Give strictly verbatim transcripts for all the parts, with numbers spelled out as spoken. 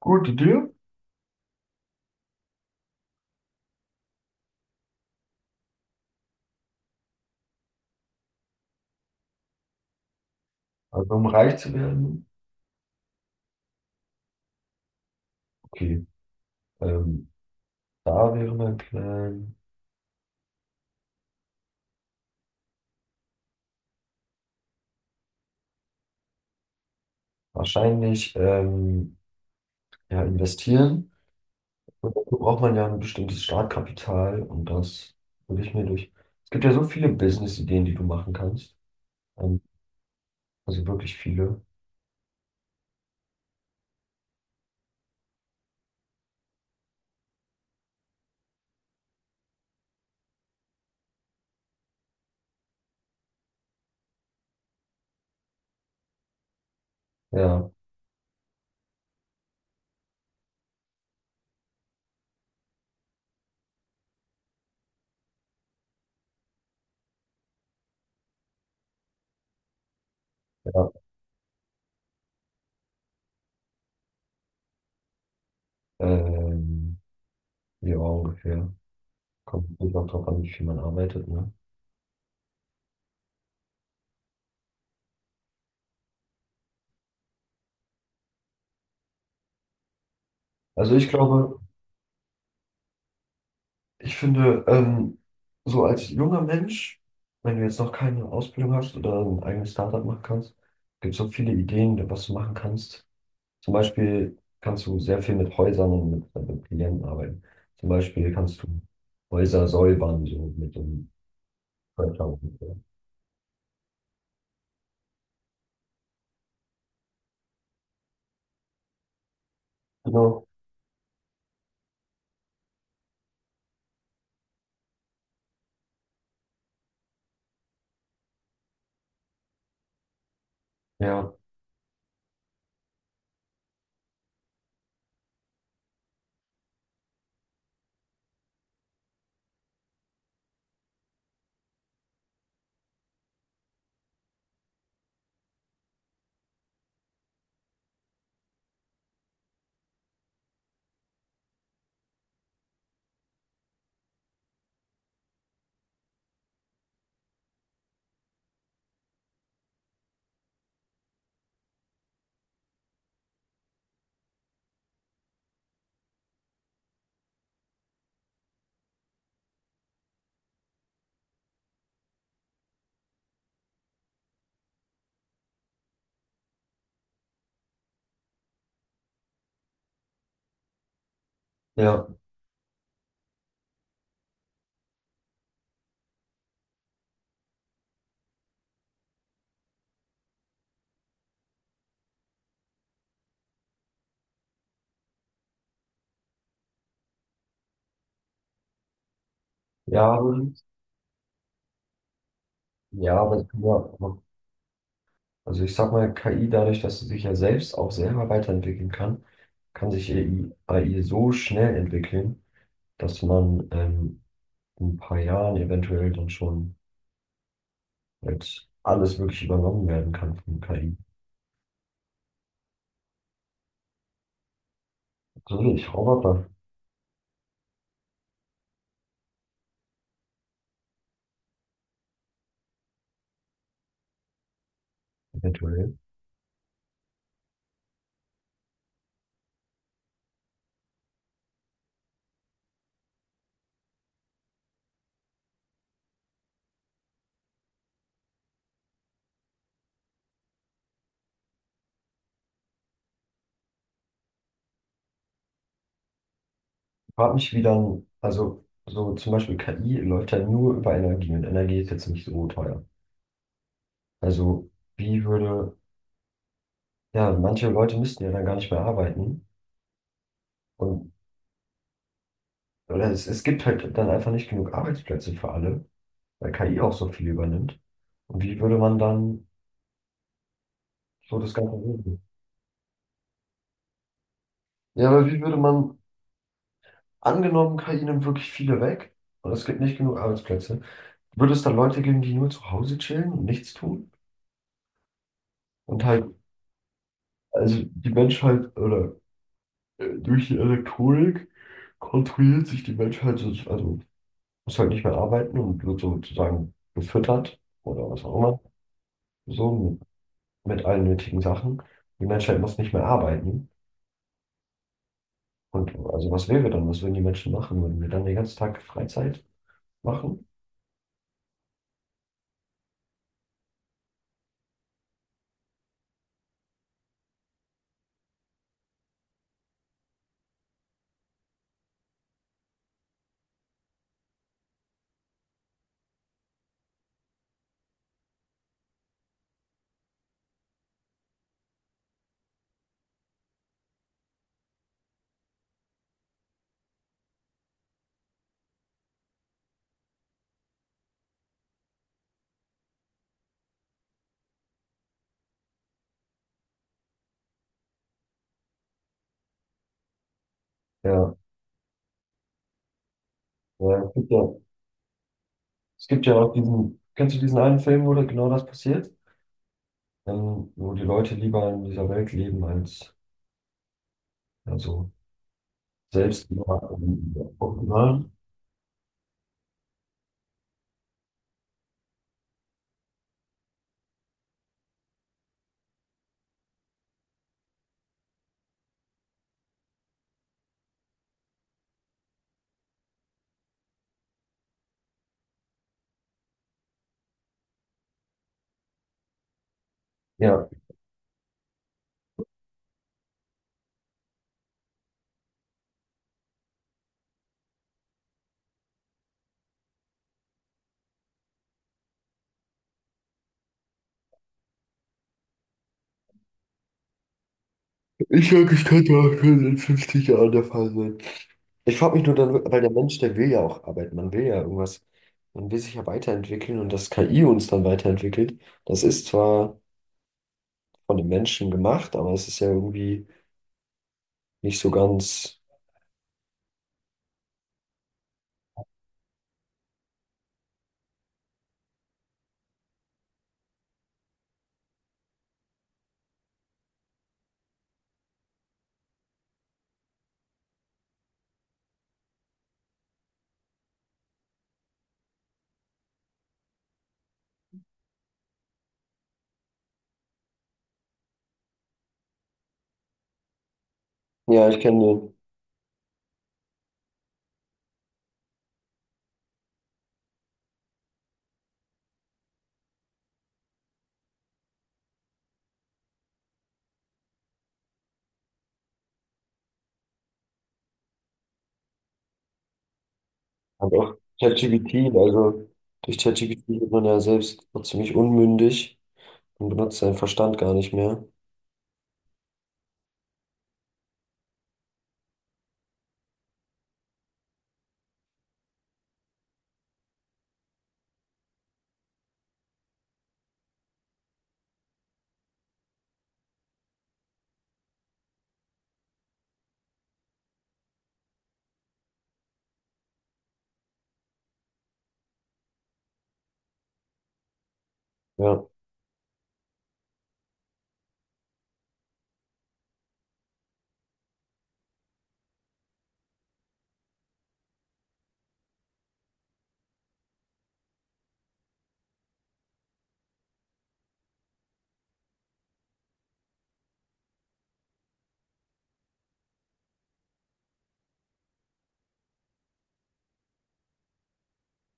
Gute Idee. Also um reich zu werden, okay. Ähm, Da wäre mein Plan wahrscheinlich ähm, ja, investieren. Und dafür braucht man ja ein bestimmtes Startkapital und das würde ich mir durch. Es gibt ja so viele Business-Ideen, die du machen kannst. Ähm, also wirklich viele. Ja, ja. Ähm, ja, ungefähr. Kommt natürlich auch drauf an, wie viel man arbeitet, ne? Also ich glaube, ich finde, ähm, so als junger Mensch, wenn du jetzt noch keine Ausbildung hast oder ein eigenes Startup machen kannst, gibt es so viele Ideen, was du machen kannst. Zum Beispiel kannst du sehr viel mit Häusern und mit, äh, mit Klienten arbeiten. Zum Beispiel kannst du Häuser säubern, so mit dem Förder so. Genau. Ja, ja, ja, aber- ja, aber es kann ja, auch- machen. Also ich sag mal, K I, dadurch, dass sie sich ja selbst auch selber weiterentwickeln kann, kann sich A I so schnell entwickeln, dass man ähm, in ein paar Jahren eventuell dann schon als alles wirklich übernommen werden kann von K I. So durch Roboter eventuell. Ich frage mich, wie dann, also so zum Beispiel K I läuft ja nur über Energie und Energie ist jetzt nicht so teuer. Also wie würde, ja, manche Leute müssten ja dann gar nicht mehr arbeiten und oder es, es gibt halt dann einfach nicht genug Arbeitsplätze für alle, weil K I auch so viel übernimmt. Und wie würde man dann so das Ganze regeln? Ja, aber wie würde man angenommen, K I nimmt wirklich viele weg und es gibt nicht genug Arbeitsplätze. Würde es dann Leute geben, die nur zu Hause chillen und nichts tun? Und halt, also die Menschheit oder äh, durch die Elektronik kontrolliert sich die Menschheit, so- also muss halt nicht mehr arbeiten und wird sozusagen gefüttert oder was auch immer, so mit allen nötigen Sachen. Die Menschheit muss nicht mehr arbeiten. Und also was wäre dann? Was würden die Menschen machen? Würden wir dann den ganzen Tag Freizeit machen? Ja, ja, es gibt ja, es gibt ja auch diesen, kennst du diesen einen Film, wo da genau das passiert? Ähm, wo die Leute lieber in dieser Welt leben als also selbst lieber ähm, Original. Ja. Ich sag, es könnte auch schon in fünfzig Jahren der Fall sein. Ich frage mich nur dann, weil der Mensch, der will ja auch arbeiten, man will ja irgendwas, man will sich ja weiterentwickeln und dass K I uns dann weiterentwickelt, das ist zwar von den Menschen gemacht, aber es ist ja irgendwie nicht so ganz. Ja, ich kenne und auch ChatGPT, also durch ChatGPT wird man ja selbst noch ziemlich unmündig und benutzt seinen Verstand gar nicht mehr. Ja,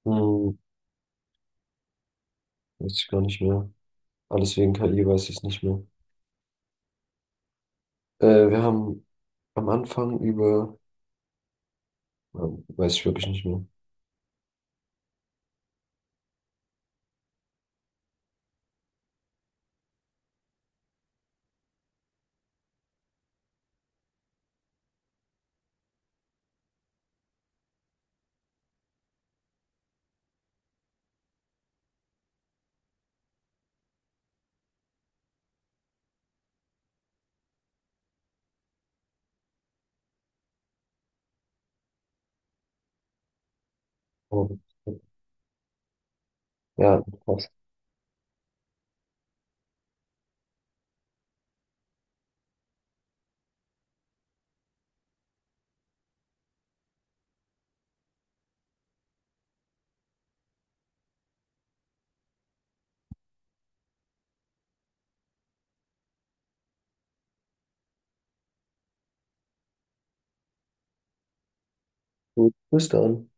hm, weiß ich gar nicht mehr. Alles wegen K I weiß ich es nicht mehr. Äh, wir haben am Anfang über, ähm, weiß ich wirklich nicht mehr. Aber- ja, passt. Gut, bis dann.